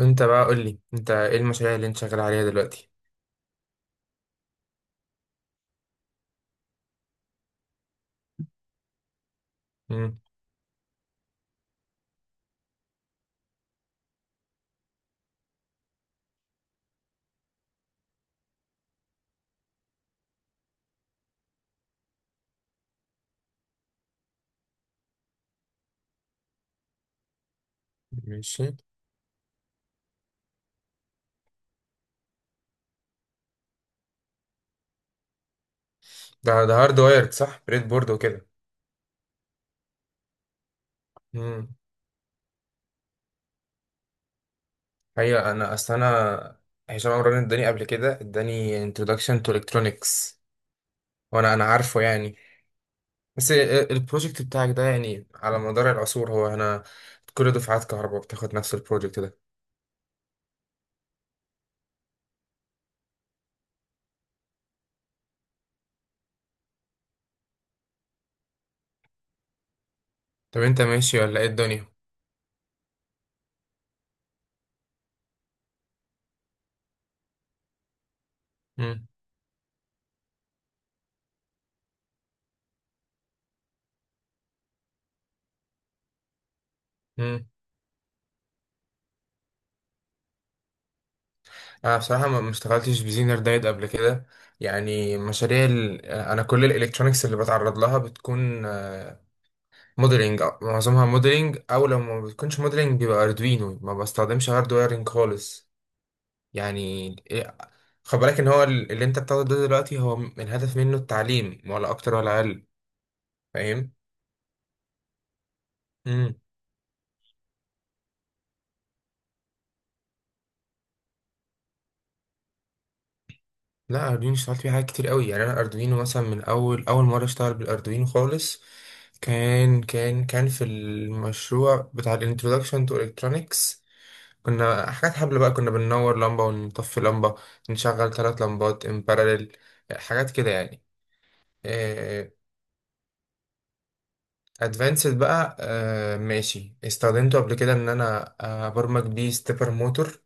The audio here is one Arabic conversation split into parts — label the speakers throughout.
Speaker 1: انت بقى قول لي، انت ايه المشاريع اللي انت شغال عليها دلوقتي؟ امم ماشي. ده هارد وايرد، صح؟ بريد بورد وكده. امم هي انا اصل انا هشام عمران اداني قبل كده، اداني introduction to electronics. وانا عارفه يعني. بس البروجكت بتاعك ده يعني على مدار العصور، هو انا كل دفعات كهرباء بتاخد نفس البروجكت ده. طب انت ماشي ولا ايه الدنيا؟ امم انا بصراحه ما اشتغلتش بزينر دايت قبل كده. يعني مشاريع انا كل الالكترونيكس اللي بتعرض لها بتكون موديلنج، معظمها موديلنج، او لو ما بتكونش موديلنج بيبقى اردوينو، ما بستخدمش هاردويرنج خالص. يعني إيه- خد بالك ان هو اللي انت بتاخده ده دلوقتي، هو الهدف منه التعليم، ولا اكتر ولا اقل. فاهم. لا، اردوينو اشتغلت فيه حاجات كتير قوي، يعني انا اردوينو مثلا من اول اول مره اشتغل بالاردوينو خالص، كان في المشروع بتاع الانترودكشن تو الكترونكس. كنا حاجات حبل بقى، كنا بننور لمبه ونطفي لمبه، نشغل ثلاث لمبات ان باراليل، حاجات كده يعني. ادفانسد بقى، ماشي، استخدمته قبل كده ان انا ابرمج بيه ستيبر موتور.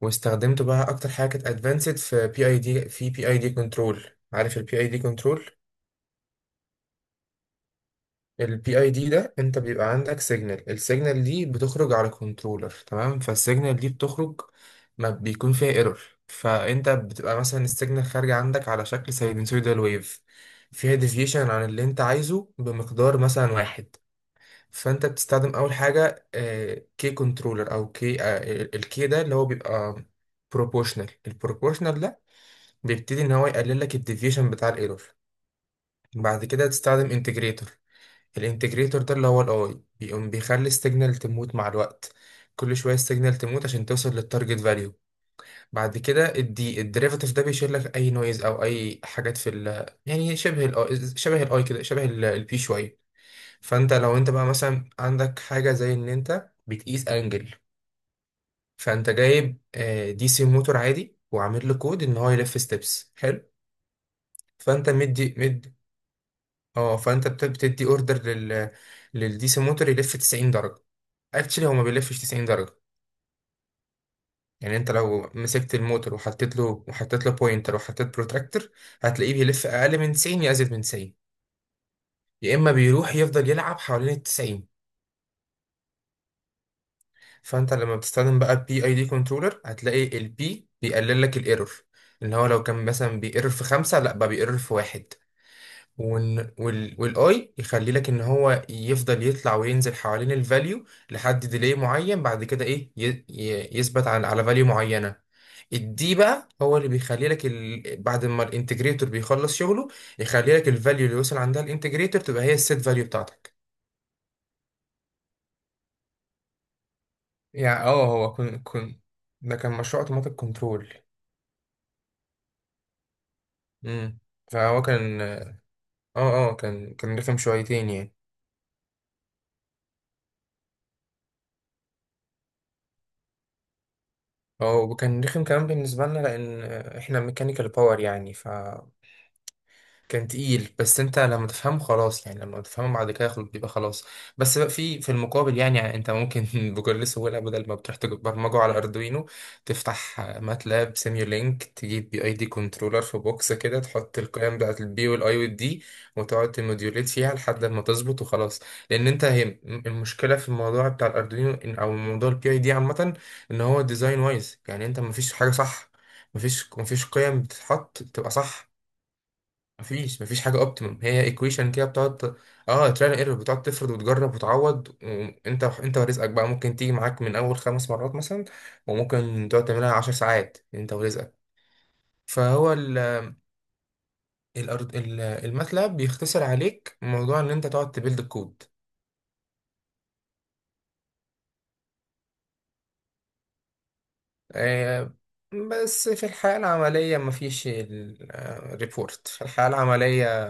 Speaker 1: واستخدمته بقى اكتر حاجه كانت ادفانسد في بي اي دي، في بي اي دي كنترول. عارف البي اي دي كنترول؟ البي اي دي ده انت بيبقى عندك سيجنال، السيجنال دي بتخرج على كنترولر، تمام؟ فالسيجنال دي بتخرج ما بيكون فيها ايرور. فانت بتبقى مثلا السيجنال خارجه عندك على شكل ساينسويدال ويف، فيها ديفيشن عن اللي انت عايزه بمقدار مثلا واحد. فانت بتستخدم اول حاجه كي كنترولر، او كي. الكي ده اللي هو بيبقى بروبوشنال. البروبوشنال ده بيبتدي ان هو يقلل لك الديفيشن بتاع الايرور. بعد كده تستخدم انتجريتور. الانتجريتور ده اللي هو الاي، بيقوم بيخلي السيجنال تموت مع الوقت، كل شويه السيجنال تموت عشان توصل للتارجت فاليو. بعد كده الدي، الديريفاتيف ده، بيشيل لك اي نويز او اي حاجات في ال، يعني شبه ال، شبه الاي كده، شبه البي شويه. فانت لو انت بقى مثلا عندك حاجه زي ان انت بتقيس انجل، فانت جايب دي سي موتور عادي، وعامل له كود ان هو يلف ستيبس، حلو. فانت مدي مد، اه فانت بتدي اوردر لل، للدي سي موتور يلف 90 درجه. اكشلي هو ما بيلفش 90 درجه. يعني انت لو مسكت الموتور وحطيت له، وحطيت له بوينتر وحطيت بروتراكتور، هتلاقيه بيلف اقل من 90 يا ازيد من 90، يا اما بيروح يفضل يلعب حوالين ال 90. فانت لما بتستخدم بقى البي اي دي كنترولر، هتلاقي البي بيقلل لك الايرور، ان هو لو كان مثلا بيقرر في خمسة، لا بقى بيقرر في واحد. وال والاي يخلي لك ان هو يفضل يطلع وينزل حوالين الفاليو لحد ديلي معين، بعد كده ايه يثبت على، على فاليو معينه. الدي بقى هو اللي بيخلي لك بعد ما الانتجريتور بيخلص شغله، يخلي لك الفاليو اللي وصل عندها الانتجريتور تبقى هي السيت فاليو بتاعتك. يعني اه، هو كن كن ده كان مشروع اوتوماتيك كنترول. امم فهو كان اه، اه كان رخم شويتين يعني. اه وكان رخم كمان بالنسبة لنا، لأن احنا ميكانيكال باور يعني، ف كان تقيل. بس انت لما تفهمه خلاص، يعني لما تفهمه بعد كده خلاص بيبقى خلاص. بس بقى في المقابل يعني انت ممكن بكل سهوله، بدل ما بتروح تبرمجه على اردوينو، تفتح ماتلاب سيميولينك، تجيب بي اي دي كنترولر في بوكس كده، تحط القيم بتاعت البي والاي والدي، وتقعد تموديوليت فيها لحد ما تظبط، وخلاص. لان انت هي المشكله في الموضوع بتاع الاردوينو، او موضوع البي اي دي عامه، ان هو ديزاين وايز، يعني انت مفيش حاجه صح، مفيش قيم بتتحط تبقى صح، مفيش حاجة اوبتيمم، هي ايكويشن كده بتقعد اه تراي ايرور، بتقعد تفرض وتجرب وتعوض، وانت ورزقك بقى، ممكن تيجي معاك من اول 5 مرات مثلا، وممكن تقعد تعملها 10 ساعات، انت ورزقك. فهو ال، الأرض الماتلاب بيختصر عليك موضوع ان انت تقعد تبيلد الكود. آه، بس في الحياة العملية مفيش الريبورت، في الحياة العملية.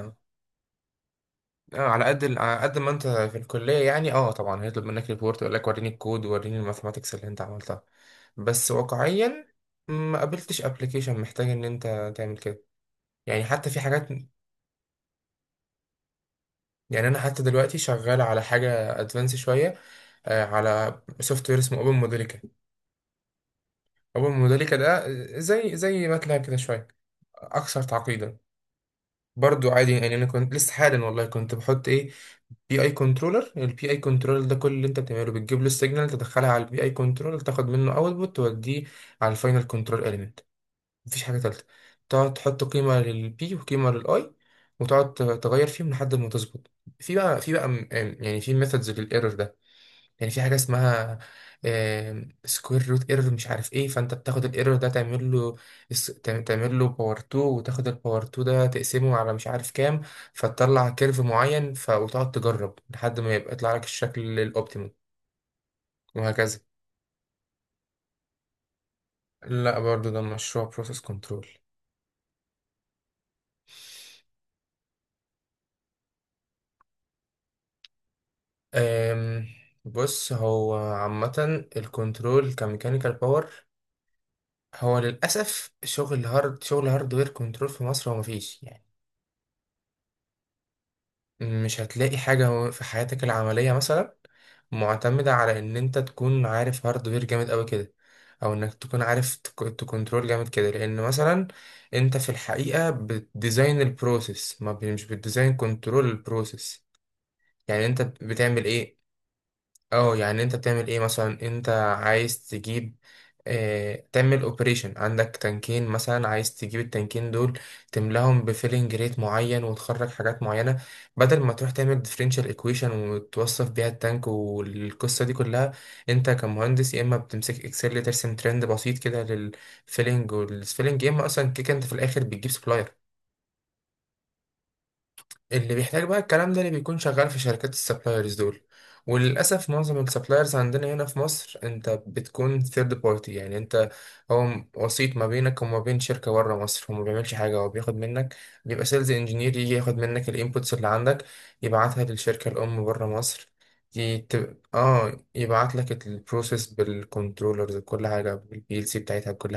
Speaker 1: اه على قد على قد ما انت في الكليه يعني، اه طبعا هيطلب منك ريبورت يقول لك وريني الكود، وريني الماثماتكس اللي انت عملتها. بس واقعيا ما قابلتش ابلكيشن محتاج ان انت تعمل كده. يعني حتى في حاجات، يعني انا حتى دلوقتي شغال على حاجه ادفانس شويه، على سوفت وير اسمه اوبن موديليكا. اوبن موديليكا ده زي ماتلاب كده شويه، اكثر تعقيدا. برضو عادي يعني، انا كنت لسه حالا والله كنت بحط ايه، بي اي كنترولر. البي اي كنترولر ده كل اللي انت بتعمله بتجيب له السيجنال، تدخلها على البي اي كنترولر، تاخد منه اوتبوت، توديه على الفاينل كنترول اليمنت. مفيش حاجه ثالثه. تقعد تحط قيمه للبي، وقيمه للاي، وتقعد تغير فيهم لحد ما تظبط. يعني في ميثودز للايرور ده، يعني في حاجه اسمها سكوير روت ايرور مش عارف ايه، فانت بتاخد الايرور ده تعمل له، تعمل له باور 2، وتاخد الباور 2 ده تقسمه على مش عارف كام، فتطلع كيرف معين، وتقعد تجرب لحد ما يبقى يطلع لك الشكل الاوبتيمال، وهكذا. لا، برضو ده مشروع بروسيس كنترول. أم، بص هو عامة الكنترول كميكانيكال باور، هو للأسف شغل هارد، شغل هاردوير كنترول في مصر هو مفيش. مش هتلاقي حاجة في حياتك العملية مثلا معتمدة على إن أنت تكون عارف هاردوير جامد أوي كده، أو إنك تكون عارف تكنترول جامد كده، لأن مثلا أنت في الحقيقة بتديزاين البروسيس، ما ب- مش بتديزاين كنترول البروسيس. يعني أنت بتعمل إيه؟ اه يعني انت بتعمل ايه مثلا، انت عايز تجيب، اه تعمل اوبريشن عندك تنكين مثلا، عايز تجيب التنكين دول، تملاهم بفيلنج ريت معين وتخرج حاجات معينة، بدل ما تروح تعمل ديفرنشال ايكويشن وتوصف بيها التانك والقصة دي كلها. انت كمهندس يا اما بتمسك اكسل ترسم ترند بسيط كده للفيلنج والسفيلنج، يا اما اصلا كيك، انت في الاخر بتجيب سبلاير. اللي بيحتاج بقى الكلام ده اللي بيكون شغال في شركات السبلايرز دول. وللأسف معظم السبلايرز عندنا هنا في مصر أنت بتكون ثيرد بارتي، يعني أنت هو وسيط ما بينك وما بين شركة بره مصر، هو ما بيعملش حاجة، هو بياخد منك، بيبقى سيلز انجينير يجي ياخد منك الانبوتس اللي عندك، يبعتها للشركة الأم بره مصر. يت... اه يبعت لك البروسيس بالكنترولرز، بكل حاجة بالبي ال سي بتاعتها، بكل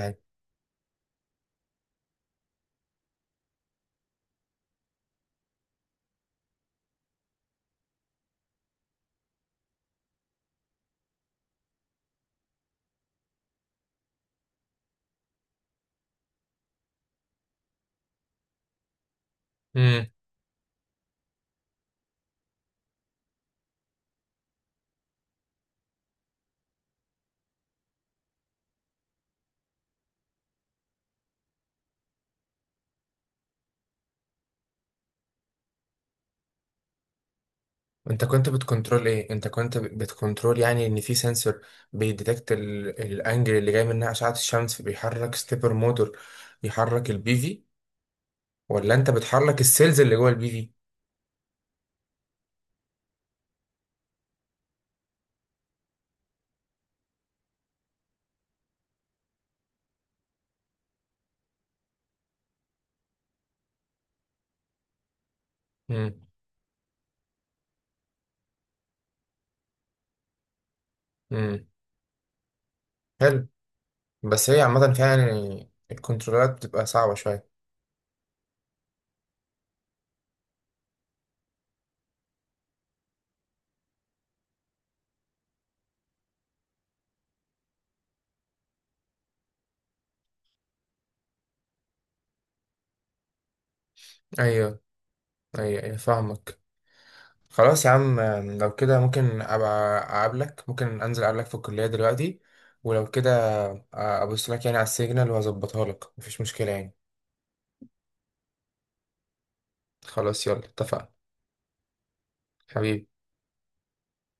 Speaker 1: حاجة. انت كنت بتكنترول ايه؟ انت كنت بتكنترول يعني ان في سنسور بيديتكت الانجل اللي جاي منها اشعة الشمس، بيحرك ستيبر موتور، يحرك البي في؟ ولا انت بتحرك السيلز اللي جوه البي في؟ امم امم حلو. بس هي عامة فعلا الكنترولات بتبقى صعبة شوية. ايوه، ايوه، ايوه فاهمك. خلاص يا عم. لو كده ممكن ابقى اقابلك، ممكن انزل اقابلك في الكلية دلوقتي. ولو كده ابص لك يعني على السيجنال واظبطها لك، مفيش مشكلة يعني. خلاص، يلا اتفقنا. حبيبي.